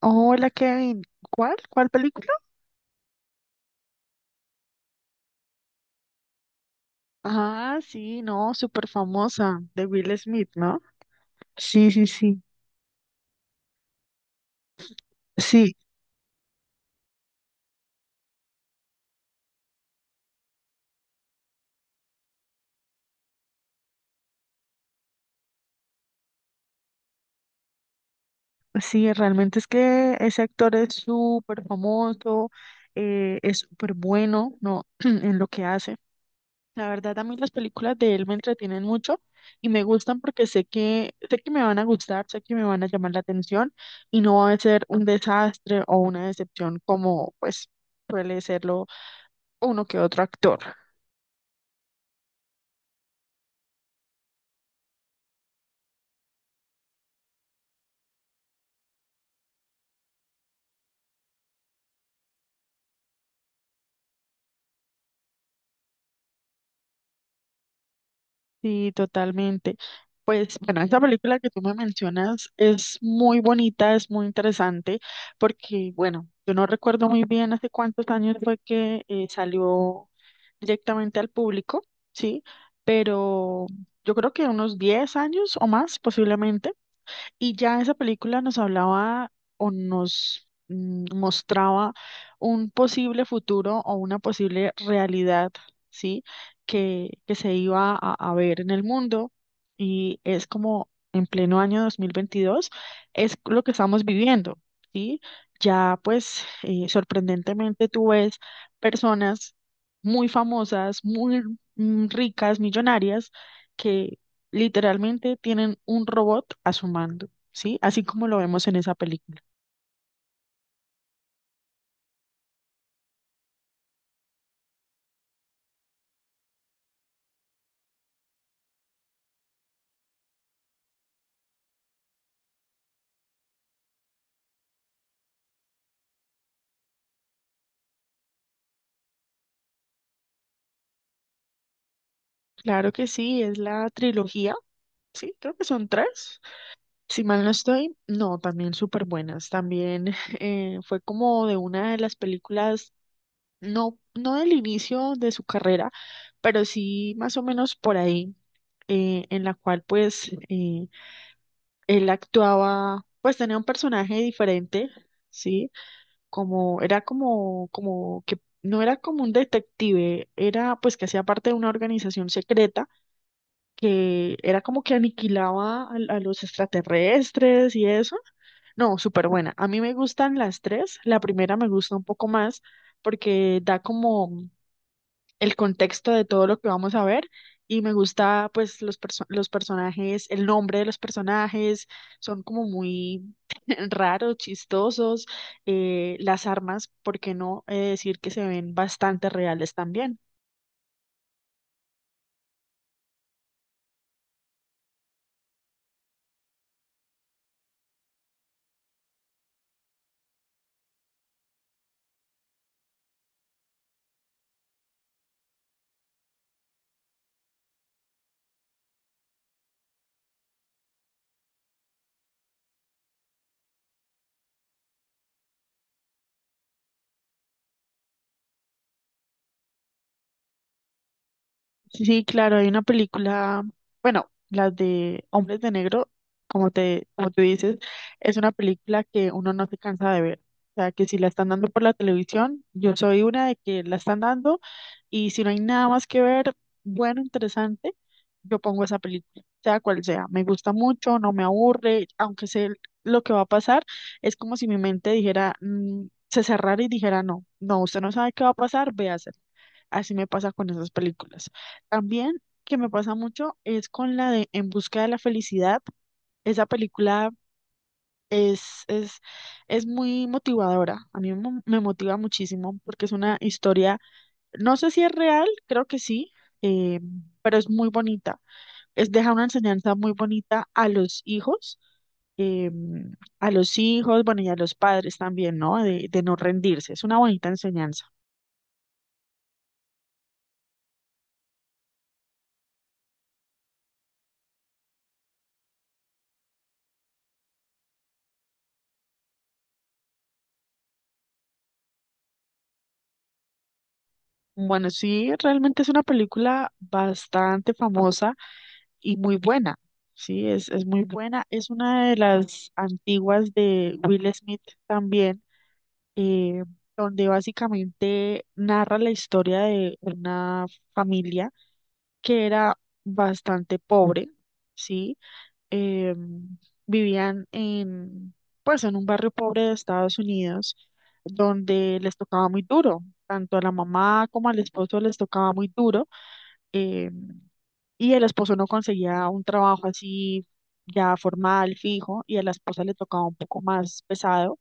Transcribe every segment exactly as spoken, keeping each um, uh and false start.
Hola Kevin, ¿cuál? ¿Cuál película? Ah, sí, no, súper famosa, de Will Smith, ¿no? Sí, sí, sí, sí, sí, realmente es que ese actor es súper famoso, eh, es súper bueno, ¿no? En lo que hace. La verdad, a mí las películas de él me entretienen mucho y me gustan porque sé que, sé que me van a gustar, sé que me van a llamar la atención y no va a ser un desastre o una decepción como, pues, suele serlo uno que otro actor. Sí, totalmente. Pues bueno, esa película que tú me mencionas es muy bonita, es muy interesante, porque bueno, yo no recuerdo muy bien hace cuántos años fue que eh, salió directamente al público, ¿sí? Pero yo creo que unos diez años o más posiblemente. Y ya esa película nos hablaba o nos mm, mostraba un posible futuro o una posible realidad, ¿sí? Que, que se iba a, a ver en el mundo y es como en pleno año dos mil veintidós es lo que estamos viviendo, ¿sí? Ya pues eh, sorprendentemente tú ves personas muy famosas, muy mm, ricas, millonarias, que literalmente tienen un robot a su mando. ¿Sí? Así como lo vemos en esa película. Claro que sí, es la trilogía, ¿sí? Creo que son tres. Si mal no estoy, no, también súper buenas. También eh, fue como de una de las películas, no, no del inicio de su carrera, pero sí más o menos por ahí, eh, en la cual pues eh, él actuaba, pues tenía un personaje diferente. Sí, como, era como, como que no era como un detective, era pues que hacía parte de una organización secreta que era como que aniquilaba al- a, los extraterrestres y eso. No, súper buena. A mí me gustan las tres. La primera me gusta un poco más porque da como el contexto de todo lo que vamos a ver. Y me gusta pues los, perso- los personajes, el nombre de los personajes, son como muy raros, chistosos, eh, las armas, ¿por qué no eh, decir que se ven bastante reales también? Sí, sí, claro, hay una película, bueno, las de Hombres de Negro, como te, como tú dices, es una película que uno no se cansa de ver. O sea, que si la están dando por la televisión, yo soy una de que la están dando. Y si no hay nada más que ver, bueno, interesante, yo pongo esa película, sea cual sea. Me gusta mucho, no me aburre, aunque sé lo que va a pasar, es como si mi mente dijera, mm, se cerrara y dijera, no, no, usted no sabe qué va a pasar, véasela. Así me pasa con esas películas. También que me pasa mucho es con la de En busca de la felicidad. Esa película es, es, es muy motivadora. A mí mo- me motiva muchísimo porque es una historia, no sé si es real, creo que sí, eh, pero es muy bonita. Es, deja una enseñanza muy bonita a los hijos, eh, a los hijos, bueno, y a los padres también, ¿no? De, de no rendirse. Es una bonita enseñanza. Bueno, sí, realmente es una película bastante famosa y muy buena. Sí, es, es muy buena. Es una de las antiguas de Will Smith también, eh, donde básicamente narra la historia de una familia que era bastante pobre, ¿sí? Em, Vivían en, pues, en un barrio pobre de Estados Unidos donde les tocaba muy duro, tanto a la mamá como al esposo les tocaba muy duro, em, y el esposo no conseguía un trabajo así ya formal, fijo, y a la esposa le tocaba un poco más pesado,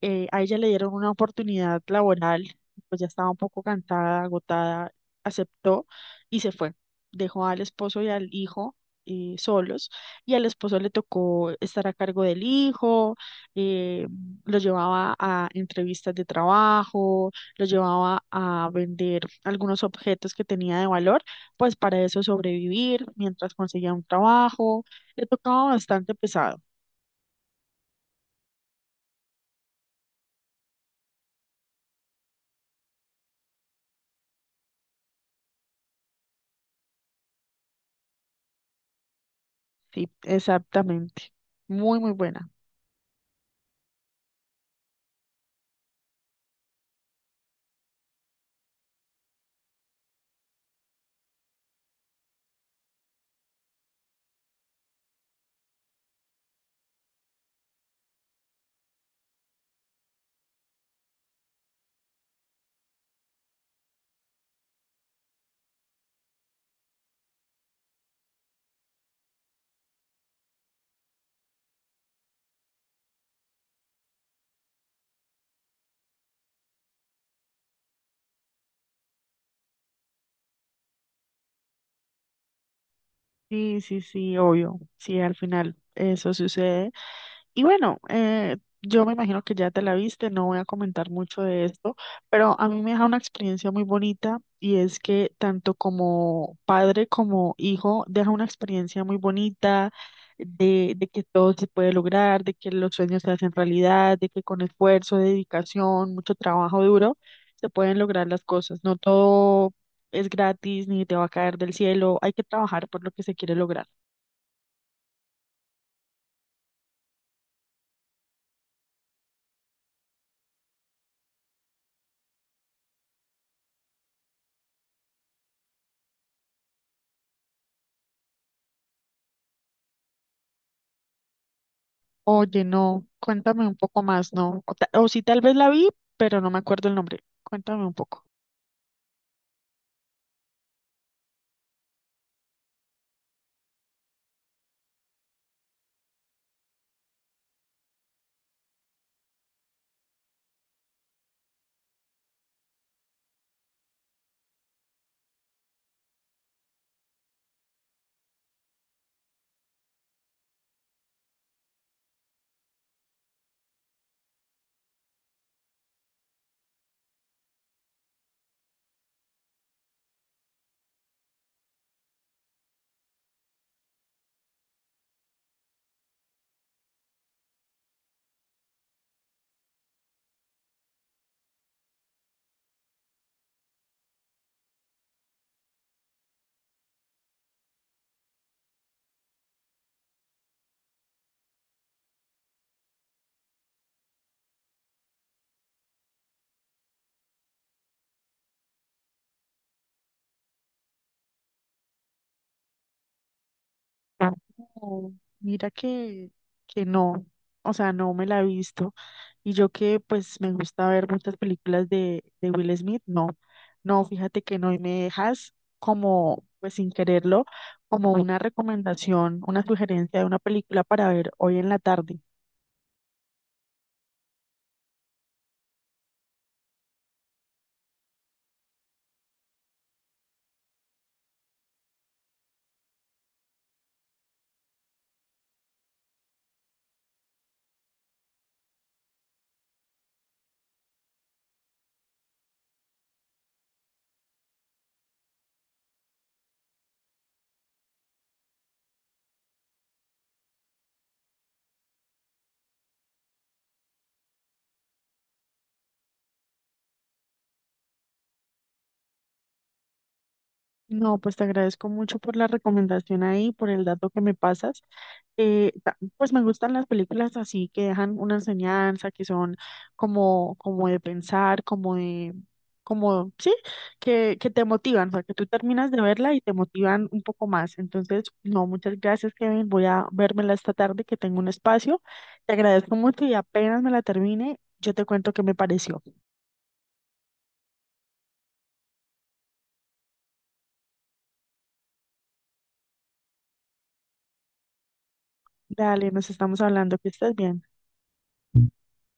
eh, a ella le dieron una oportunidad laboral, pues ya estaba un poco cansada, agotada, aceptó y se fue. Dejó al esposo y al hijo eh, solos y al esposo le tocó estar a cargo del hijo, eh, lo llevaba a entrevistas de trabajo, lo llevaba a vender algunos objetos que tenía de valor, pues para eso sobrevivir mientras conseguía un trabajo. Le tocaba bastante pesado, sí, exactamente. Muy, muy bueno. Sí, sí, sí, obvio. Sí, al final eso sucede. Y bueno, eh, yo me imagino que ya te la viste, no voy a comentar mucho de esto, pero a mí me deja una experiencia muy bonita y es que tanto como padre como hijo deja una experiencia muy bonita de, de que todo se puede lograr, de que los sueños se hacen realidad, de que con esfuerzo, dedicación, mucho trabajo duro, se pueden lograr las cosas. No todo es gratis ni te va a caer del cielo, hay que trabajar por lo que se quiere lograr. Oye, no, cuéntame un poco más, ¿no? O, ta- o sí, tal vez la vi, pero no me acuerdo el nombre. Cuéntame un poco. No, mira que, que no, o sea, no me la he visto. Y yo que pues me gusta ver muchas películas de, de Will Smith, no, no, fíjate que no, y me dejas como, pues sin quererlo, como una recomendación, una sugerencia de una película para ver hoy en la tarde. No, pues te agradezco mucho por la recomendación ahí, por el dato que me pasas. Eh, ta- pues me gustan las películas así que dejan una enseñanza, que son como, como de pensar, como de, como, sí, que, que te motivan, o sea, que tú terminas de verla y te motivan un poco más. Entonces, no, muchas gracias, Kevin. Voy a vérmela esta tarde que tengo un espacio. Te agradezco mucho y apenas me la termine, yo te cuento qué me pareció. Dale, nos estamos hablando, que estés bien.